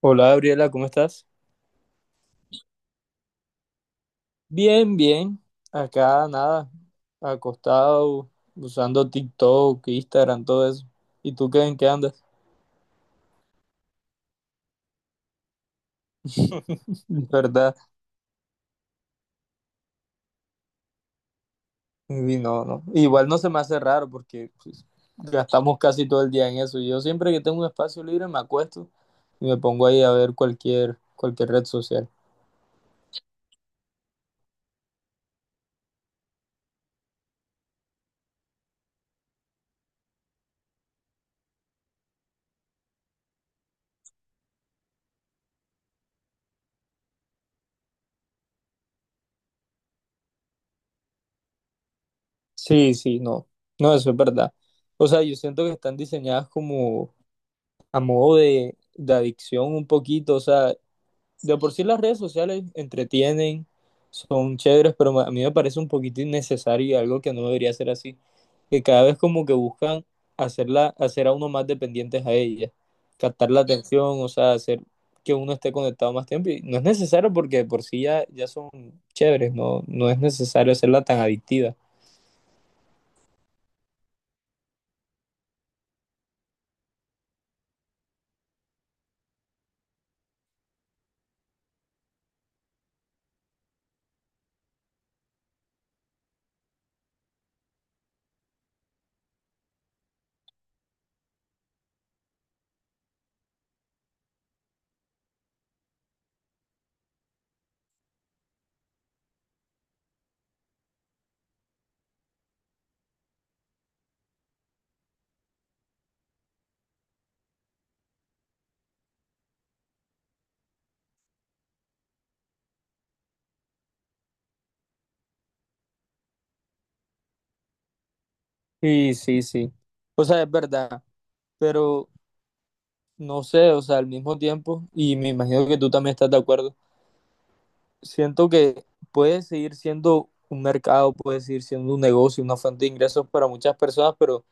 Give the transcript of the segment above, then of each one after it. Hola Gabriela, ¿cómo estás? Bien, bien. Acá nada, acostado, usando TikTok, Instagram, todo eso. ¿Y tú qué en qué andas? ¿Verdad? Y no, no. Igual no se me hace raro porque pues, gastamos casi todo el día en eso. Yo siempre que tengo un espacio libre me acuesto y me pongo ahí a ver cualquier red social. Sí, sí, no. No, eso es verdad. O sea, yo siento que están diseñadas como a modo de adicción un poquito. O sea, de por sí las redes sociales entretienen, son chéveres, pero a mí me parece un poquito innecesario y algo que no debería ser así, que cada vez como que buscan hacerla, hacer a uno más dependientes a ella, captar la atención, o sea, hacer que uno esté conectado más tiempo. Y no es necesario porque de por sí ya, ya son chéveres, no, no es necesario hacerla tan adictiva. Sí, sí, sí. O sea, es verdad, pero no sé, o sea, al mismo tiempo, y me imagino que tú también estás de acuerdo, siento que puede seguir siendo un mercado, puede seguir siendo un negocio, una fuente de ingresos para muchas personas, pero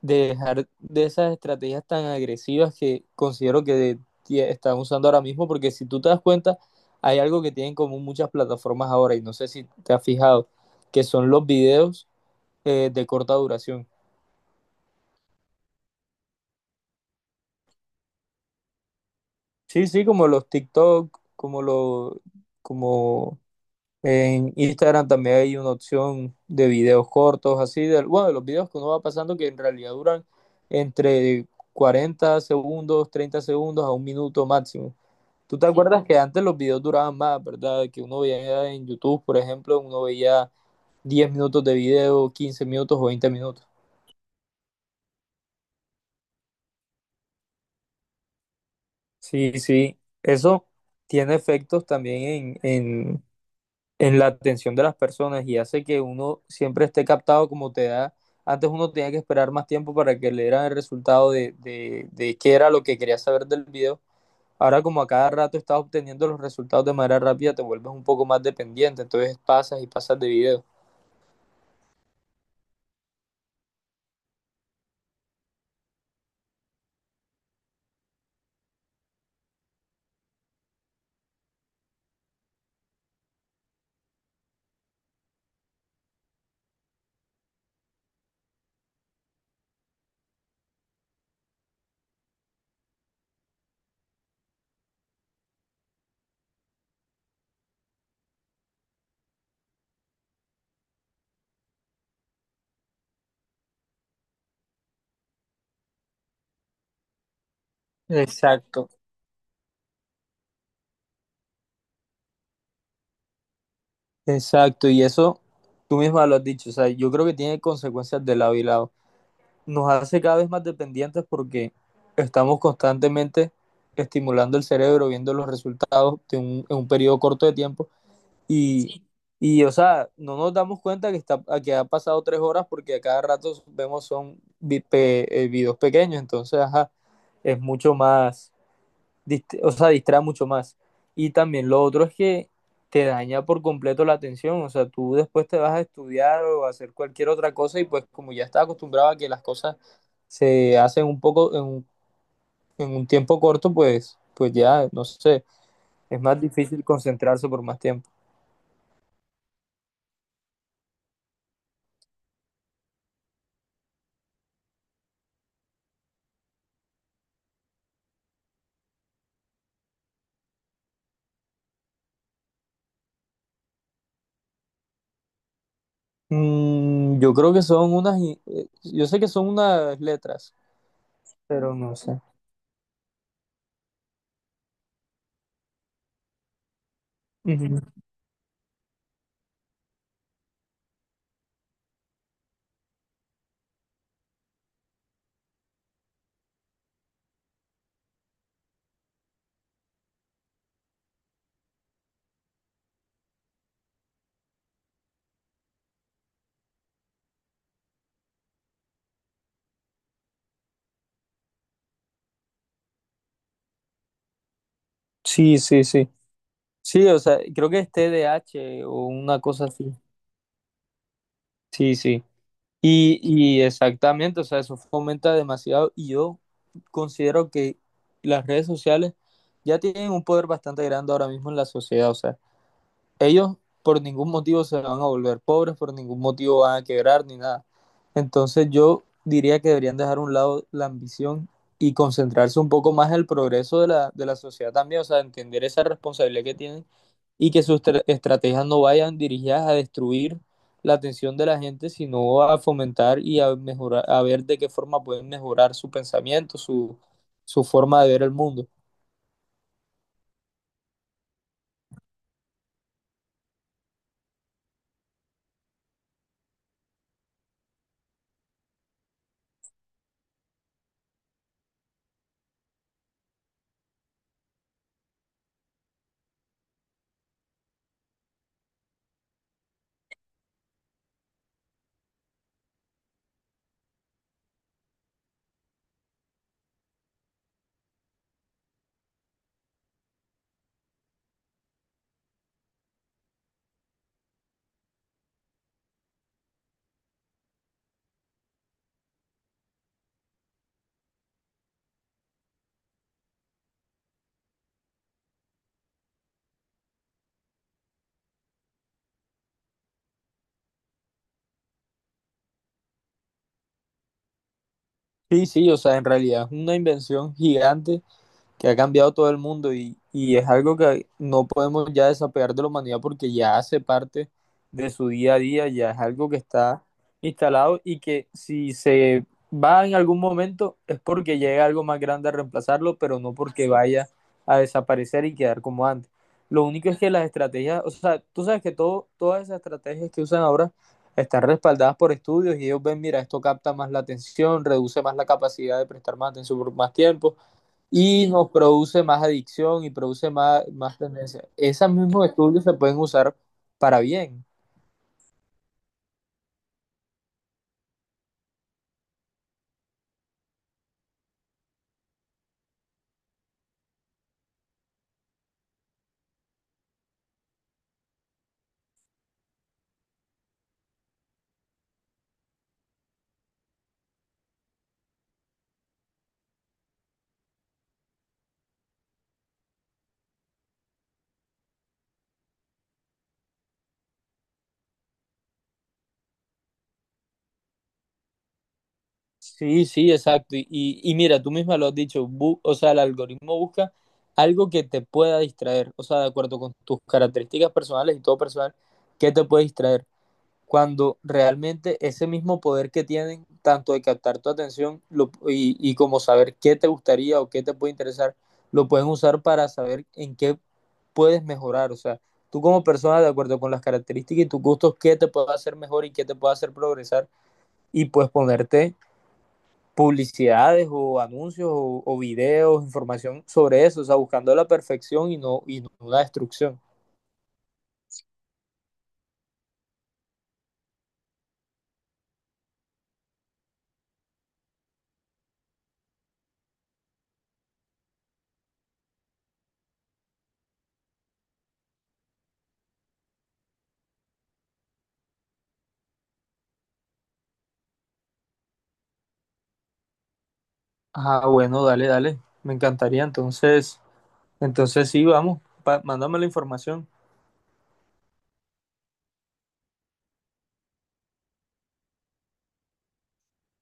dejar de esas estrategias tan agresivas que considero que están usando ahora mismo, porque si tú te das cuenta, hay algo que tienen en común muchas plataformas ahora, y no sé si te has fijado, que son los videos de corta duración. Sí, sí, como los TikTok, como los, como en Instagram también hay una opción de videos cortos, así de, bueno, de los videos que uno va pasando que en realidad duran entre 40 segundos, 30 segundos a un minuto máximo. ¿Tú te acuerdas que antes los videos duraban más, verdad? Que uno veía en YouTube, por ejemplo, uno veía 10 minutos de video, 15 minutos o 20 minutos. Sí, sí, eso tiene efectos también en la atención de las personas y hace que uno siempre esté captado como te da. Antes uno tenía que esperar más tiempo para que le dieran el resultado de qué era lo que quería saber del video. Ahora como a cada rato estás obteniendo los resultados de manera rápida, te vuelves un poco más dependiente, entonces pasas y pasas de video. Exacto. Exacto, y eso tú misma lo has dicho, o sea, yo creo que tiene consecuencias de lado y lado. Nos hace cada vez más dependientes porque estamos constantemente estimulando el cerebro, viendo los resultados de en un periodo corto de tiempo y, sí. Y, o sea, no nos damos cuenta que, que ha pasado 3 horas porque a cada rato vemos son videos pequeños, entonces, ajá, es mucho más, o sea, distrae mucho más. Y también lo otro es que te daña por completo la atención, o sea, tú después te vas a estudiar o a hacer cualquier otra cosa y pues como ya estás acostumbrado a que las cosas se hace en un poco, en un tiempo corto, pues, ya, no sé, es más difícil concentrarse por más tiempo. Mm, yo creo que son unas, yo sé que son unas letras, pero no sé. Ujú. Sí, sí, sí. Sí, o sea, creo que es TDAH o una cosa así. Sí, sí. Y exactamente, o sea, eso fomenta demasiado y yo considero que las redes sociales ya tienen un poder bastante grande ahora mismo en la sociedad, o sea, ellos por ningún motivo se van a volver pobres, por ningún motivo van a quebrar ni nada. Entonces yo diría que deberían dejar a un lado la ambición y concentrarse un poco más en el progreso de la sociedad también, o sea, entender esa responsabilidad que tienen y que sus estrategias no vayan dirigidas a destruir la atención de la gente, sino a fomentar y a mejorar, a ver de qué forma pueden mejorar su pensamiento, su forma de ver el mundo. Sí, sí, o sea, en realidad es una invención gigante que ha cambiado todo el mundo y es algo que no podemos ya desapegar de la humanidad porque ya hace parte de su día a día, ya es algo que está instalado y que si se va en algún momento es porque llega algo más grande a reemplazarlo, pero no porque vaya a desaparecer y quedar como antes. Lo único es que las estrategias, o sea, tú sabes que todas esas estrategias que usan ahora están respaldadas por estudios y ellos ven, mira, esto capta más la atención, reduce más la capacidad de prestar más atención por más tiempo, y nos produce más adicción y produce más tendencia. Esos mismos estudios se pueden usar para bien. Sí, sí, exacto. Y mira, tú misma lo has dicho, o sea, el algoritmo busca algo que te pueda distraer, o sea, de acuerdo con tus características personales y todo personal, que te puede distraer. Cuando realmente ese mismo poder que tienen, tanto de captar tu atención como saber qué te gustaría o qué te puede interesar, lo pueden usar para saber en qué puedes mejorar. O sea, tú como persona, de acuerdo con las características y tus gustos, qué te puede hacer mejor y qué te puede hacer progresar y pues ponerte publicidades o anuncios o videos, información sobre eso, o sea, buscando la perfección y no la destrucción. Ah, bueno, dale, dale. Me encantaría entonces sí, vamos, mándame la información.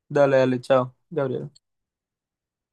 Dale, dale, chao, Gabriel.